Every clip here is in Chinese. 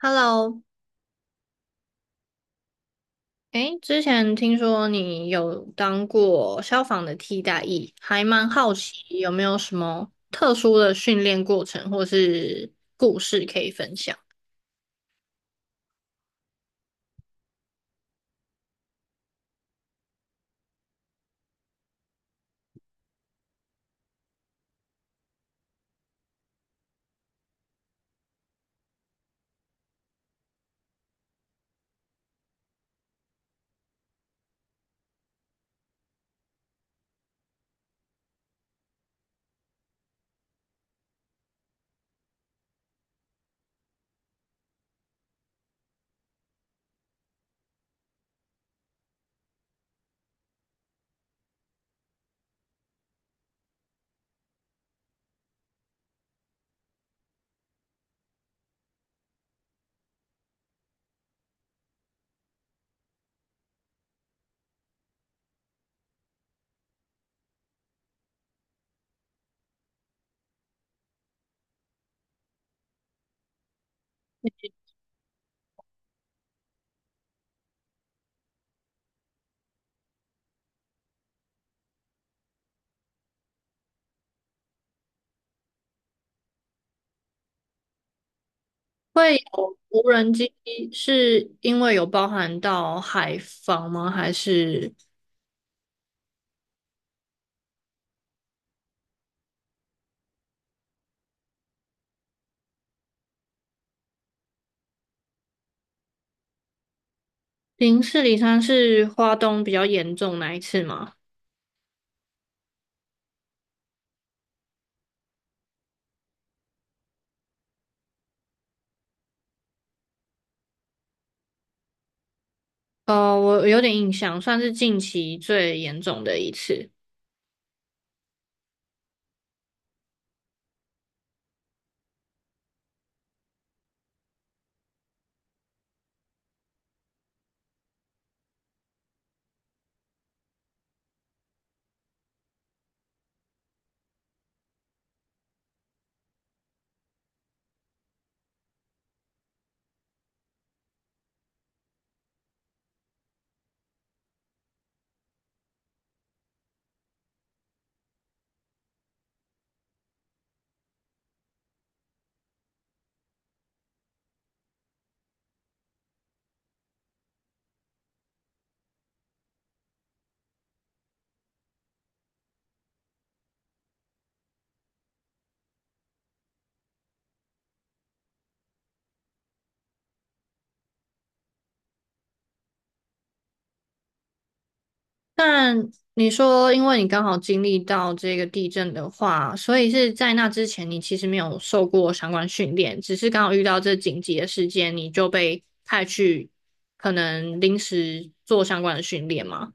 Hello。哎，之前听说你有当过消防的替代役，还蛮好奇有没有什么特殊的训练过程或是故事可以分享？会有无人机是因为有包含到海防吗？还是零四零三是花东比较严重那一次吗？我有点印象，算是近期最严重的一次。但你说，因为你刚好经历到这个地震的话，所以是在那之前，你其实没有受过相关训练，只是刚好遇到这紧急的事件，你就被派去可能临时做相关的训练吗？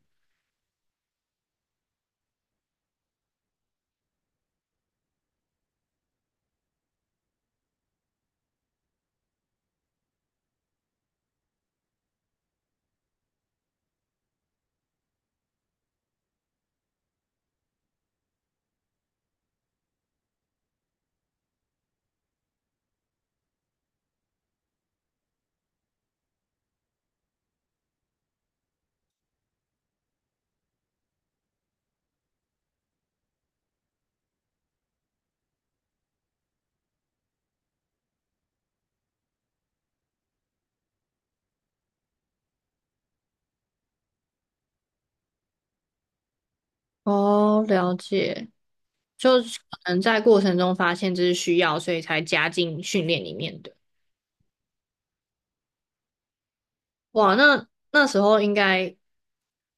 哦，了解，就是可能在过程中发现这是需要，所以才加进训练里面的。哇，那那时候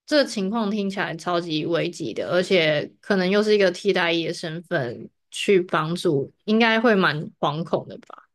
这个情况听起来超级危急的，而且可能又是一个替代役的身份去帮助，应该会蛮惶恐的吧？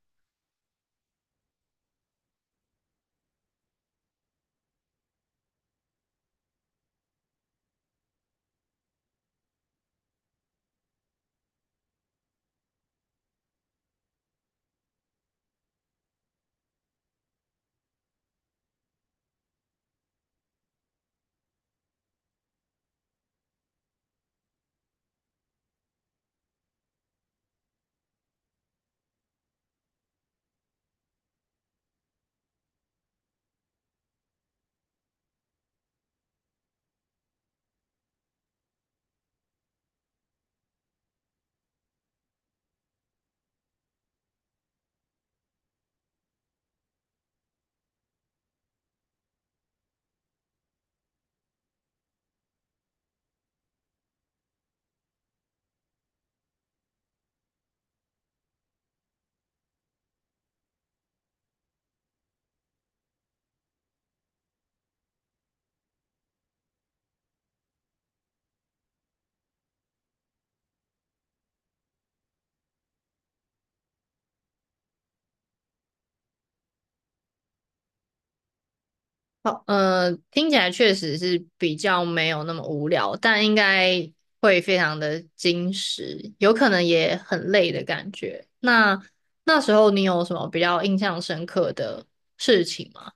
好，听起来确实是比较没有那么无聊，但应该会非常的矜持，有可能也很累的感觉。那那时候你有什么比较印象深刻的事情吗？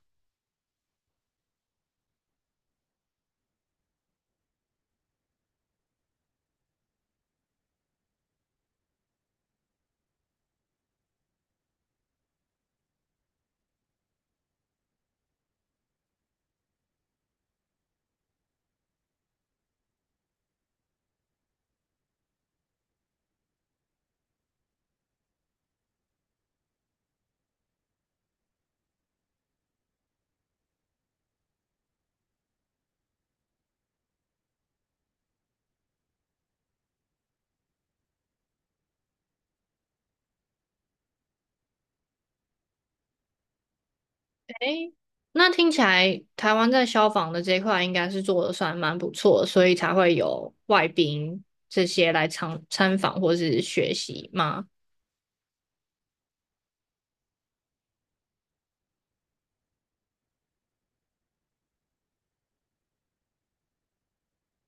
诶，那听起来台湾在消防的这一块应该是做的算蛮不错的，所以才会有外宾这些来参访或是学习吗？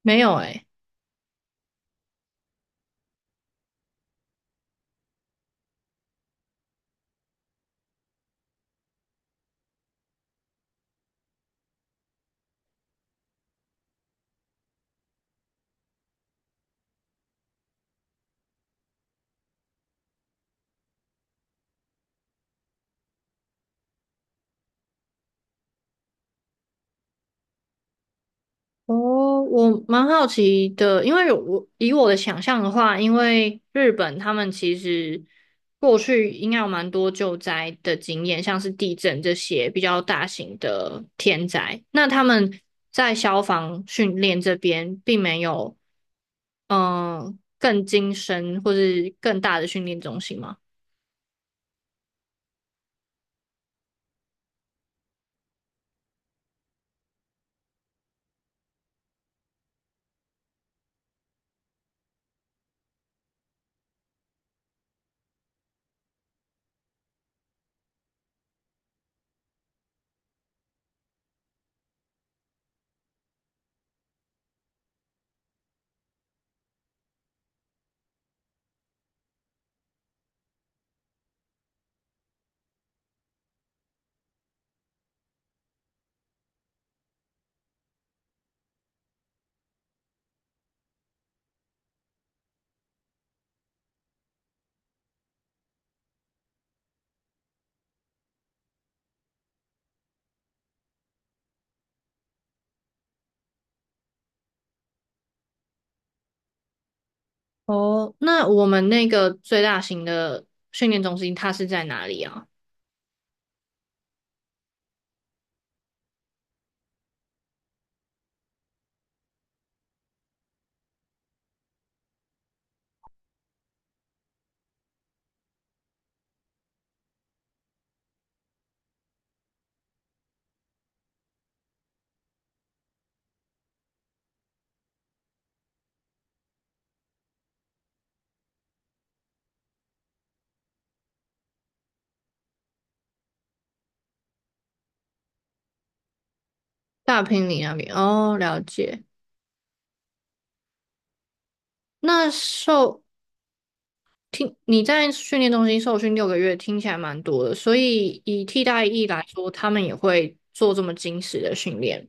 没有诶。哦，我蛮好奇的，因为我以我的想象的话，因为日本他们其实过去应该有蛮多救灾的经验，像是地震这些比较大型的天灾，那他们在消防训练这边并没有更精深或是更大的训练中心吗？哦，那我们那个最大型的训练中心它是在哪里啊？大平里那边哦，了解。那听你在训练中心受训6个月，听起来蛮多的，所以以替代役来说，他们也会做这么精实的训练。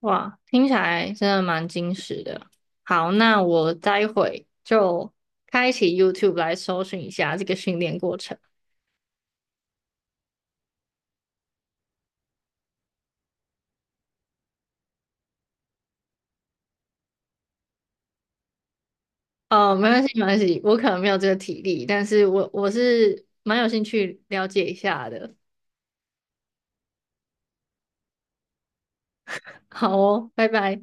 哇，听起来真的蛮精实的。好，那我待会就开启 YouTube 来搜寻一下这个训练过程。哦，没关系，没关系，我可能没有这个体力，但是我是蛮有兴趣了解一下的。好哦，拜拜。